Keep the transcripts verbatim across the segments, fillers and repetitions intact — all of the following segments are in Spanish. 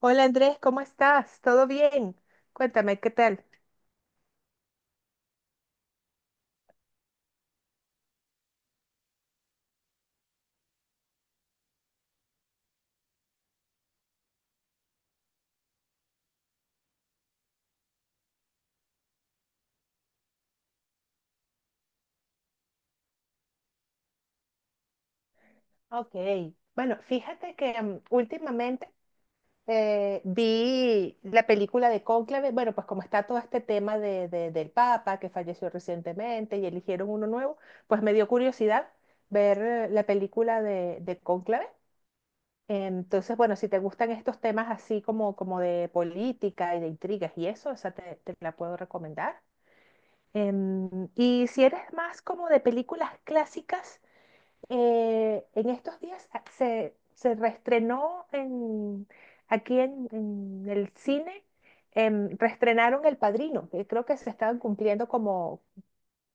Hola Andrés, ¿cómo estás? ¿Todo bien? Cuéntame, ¿qué tal? Ok, bueno, fíjate que mm, últimamente eh, vi la película de Cónclave. Bueno, pues como está todo este tema de, de- del Papa que falleció recientemente y eligieron uno nuevo, pues me dio curiosidad ver eh, la película de, de Cónclave. Entonces, bueno, si te gustan estos temas así como, como de política y de intrigas y eso, o sea, te, te la puedo recomendar. Em, y si eres más como de películas clásicas, eh, en estos días a- se, se reestrenó en, aquí en, en el cine. Em, reestrenaron El Padrino, que creo que se estaban cumpliendo como,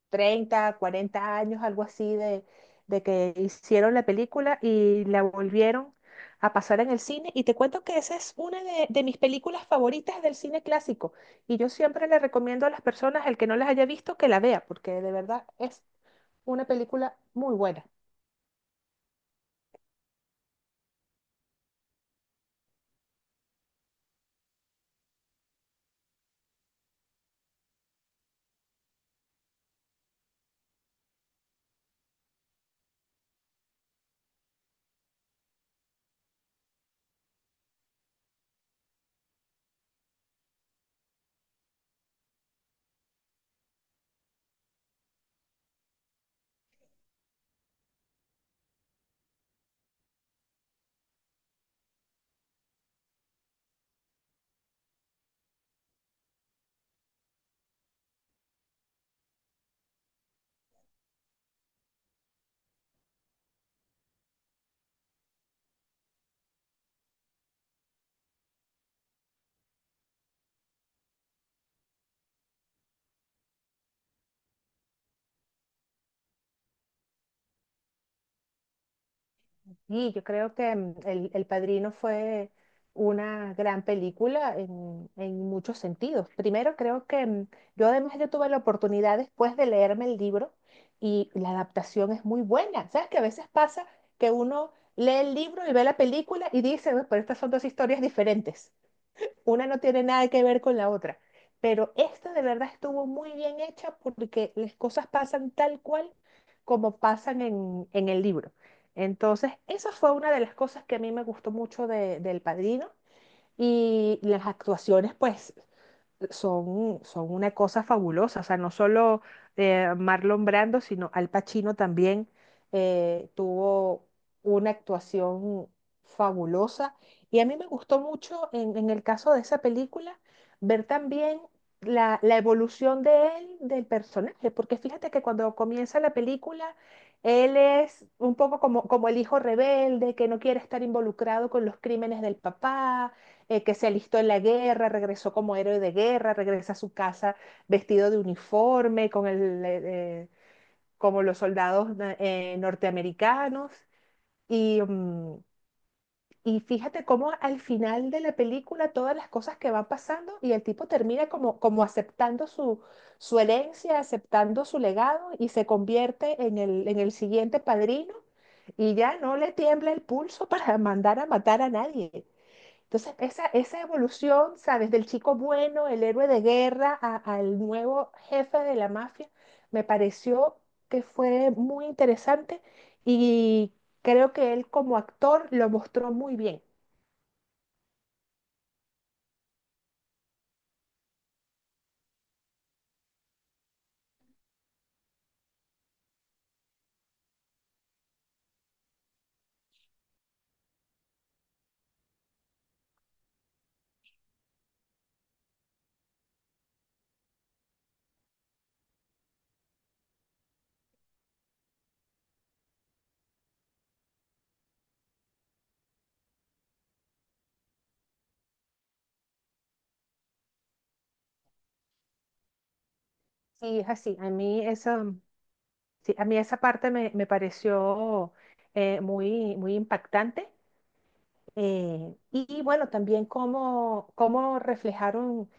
treinta, cuarenta años, algo así, de, de que hicieron la película y la volvieron a pasar en el cine. Y te cuento que esa es una de, de mis películas favoritas del cine clásico. Y yo siempre le recomiendo a las personas, el que no las haya visto, que la vea, porque de verdad es una película muy buena. Sí, yo creo que mm, El, El Padrino fue una gran película en, en muchos sentidos. Primero, creo que mm, yo además yo tuve la oportunidad después de leerme el libro y la adaptación es muy buena. ¿Sabes que a veces pasa que uno lee el libro y ve la película y dice, "Uy, pero estas son dos historias diferentes"? Una no tiene nada que ver con la otra. Pero esta de verdad estuvo muy bien hecha porque las cosas pasan tal cual como pasan en, en el libro. Entonces, esa fue una de las cosas que a mí me gustó mucho de, del Padrino. Y las actuaciones, pues, son, son una cosa fabulosa. O sea, no solo eh, Marlon Brando, sino Al Pacino también eh, tuvo una actuación fabulosa. Y a mí me gustó mucho en, en el caso de esa película ver también la, la evolución de él, del personaje, porque fíjate que cuando comienza la película... Él es un poco como, como el hijo rebelde que no quiere estar involucrado con los crímenes del papá, eh, que se alistó en la guerra, regresó como héroe de guerra, regresa a su casa vestido de uniforme, con el, eh, eh, como los soldados na- eh, norteamericanos. Y, mm, y fíjate cómo al final de la película todas las cosas que van pasando y el tipo termina como, como aceptando su, su herencia, aceptando su legado y se convierte en el, en el siguiente padrino. Y ya no le tiembla el pulso para mandar a matar a nadie. Entonces, esa, esa evolución, ¿sabes? Del chico bueno, el héroe de guerra, a- al nuevo jefe de la mafia, me pareció que fue muy interesante y creo que él como actor lo mostró muy bien. Sí, es así. A mí esa, sí, a mí esa parte me, me pareció eh, muy, muy impactante. Eh, y, y bueno, también cómo, cómo reflejaron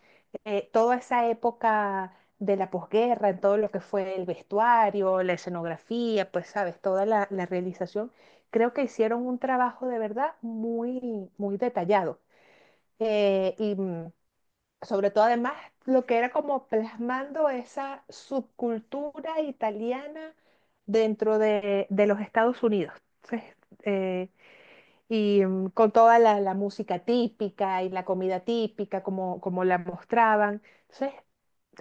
eh, toda esa época de la posguerra, en todo lo que fue el vestuario, la escenografía, pues sabes, toda la, la realización. Creo que hicieron un trabajo de verdad muy, muy detallado. Eh, y, mm, sobre todo además lo que era como plasmando esa subcultura italiana dentro de, de los Estados Unidos. Entonces, eh, y mm, con toda la, la música típica y la comida típica, como, como la mostraban. Entonces,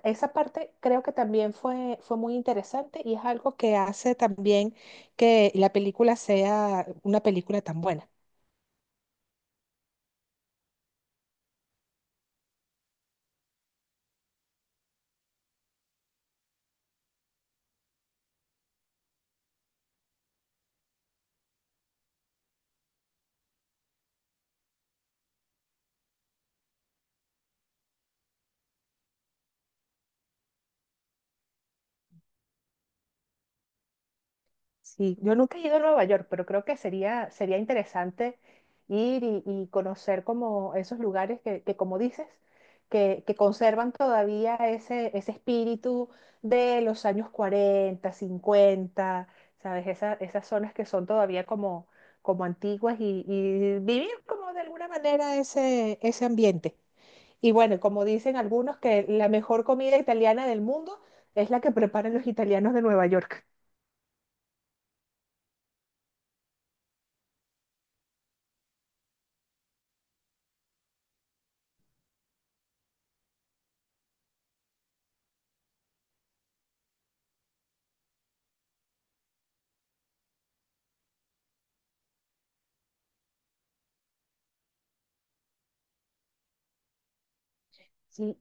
esa parte creo que también fue, fue muy interesante y es algo que hace también que la película sea una película tan buena. Sí, yo nunca he ido a Nueva York, pero creo que sería, sería interesante ir y, y conocer como esos lugares que, que como dices, que, que conservan todavía ese, ese espíritu de los años cuarenta cincuenta, ¿sabes? Esa- esas zonas que son todavía como, como antiguas y, y vivir como de alguna manera ese, ese ambiente. Y bueno, como dicen algunos, que la mejor comida italiana del mundo es la que preparan los italianos de Nueva York. Sí,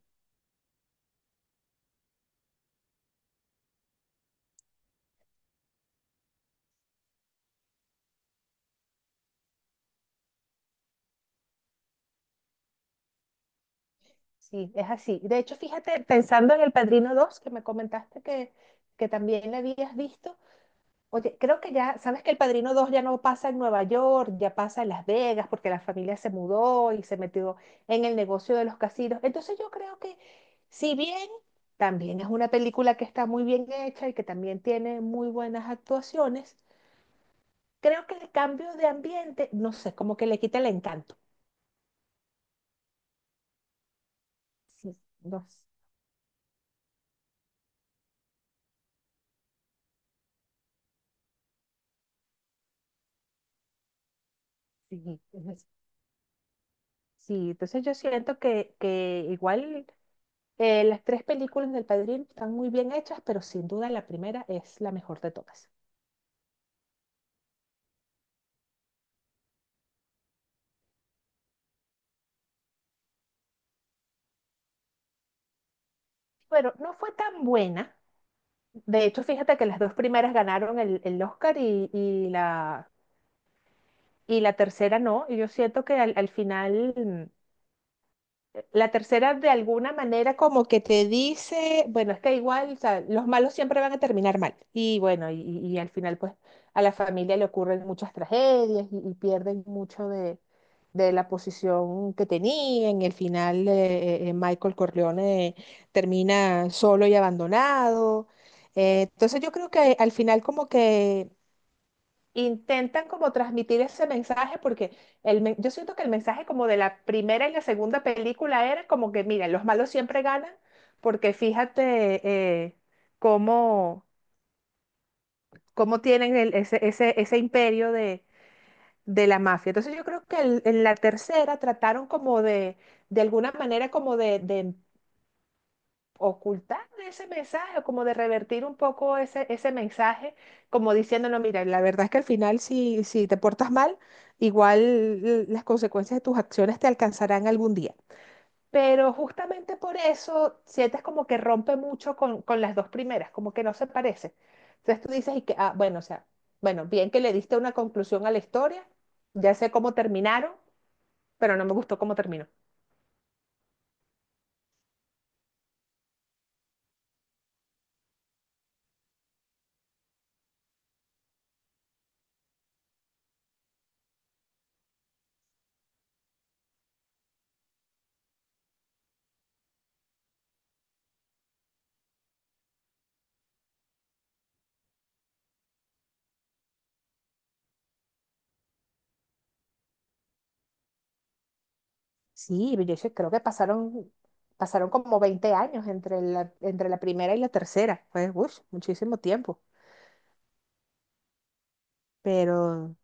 sí, es así. De hecho, fíjate, pensando en El Padrino dos que me comentaste que, que también la habías visto. Oye, creo que ya, sabes que El Padrino dos ya no pasa en Nueva York, ya pasa en Las Vegas, porque la familia se mudó y se metió en el negocio de los casinos. Entonces yo creo que, si bien también es una película que está muy bien hecha y que también tiene muy buenas actuaciones, creo que el cambio de ambiente, no sé, como que le quita el encanto. Sí, no sé. Sí, sí, entonces yo siento que, que igual eh, las tres películas del Padrino están muy bien hechas, pero sin duda la primera es la mejor de todas. Pero no fue tan buena. De hecho, fíjate que las dos primeras ganaron el, el Oscar y, y la, y la tercera no. Y yo siento que al, al final la tercera de alguna manera como que te dice, bueno, es que igual, o sea, los malos siempre van a terminar mal. Y bueno, y, y al final pues a la familia le ocurren muchas tragedias y, y pierden mucho de, de la posición que tenía. En el final eh, eh, Michael Corleone termina solo y abandonado. Eh, entonces yo creo que al final como que intentan como transmitir ese mensaje porque el, men- yo siento que el mensaje como de la primera y la segunda película era como que, miren, los malos siempre ganan porque fíjate eh, cómo, cómo tienen el- ese, ese, ese imperio de, de la mafia. Entonces yo creo que el- en la tercera trataron como de, de alguna manera como de, de ocultar ese mensaje o como de revertir un poco ese, ese mensaje, como diciéndolo, mira, la verdad es que al final si, si te portas mal, igual l- las consecuencias de tus acciones te alcanzarán algún día. Pero justamente por eso sientes como que rompe mucho con, con las dos primeras, como que no se parece. Entonces tú dices, y que, ah, bueno, o sea, bueno, bien que le diste una conclusión a la historia, ya sé cómo terminaron, pero no me gustó cómo terminó. Sí, yo sé- creo que pasaron, pasaron como veinte años entre la, entre la primera y la tercera. Fue, uff, muchísimo tiempo. Pero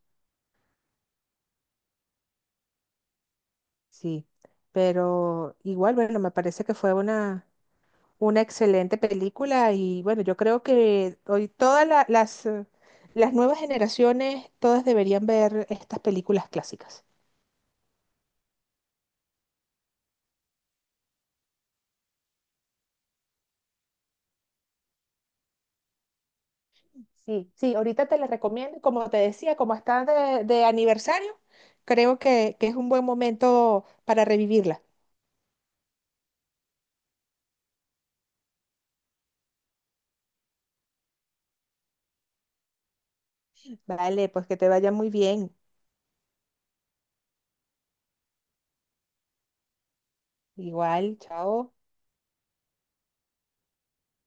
sí, pero igual, bueno, me parece que fue una, una excelente película y bueno, yo creo que hoy todas la- las, eh, las nuevas generaciones, todas deberían ver estas películas clásicas. Sí, sí, ahorita te las recomiendo, y como te decía, como está de, de aniversario, creo que, que es un buen momento para revivirla. Vale, pues que te vaya muy bien. Igual, chao.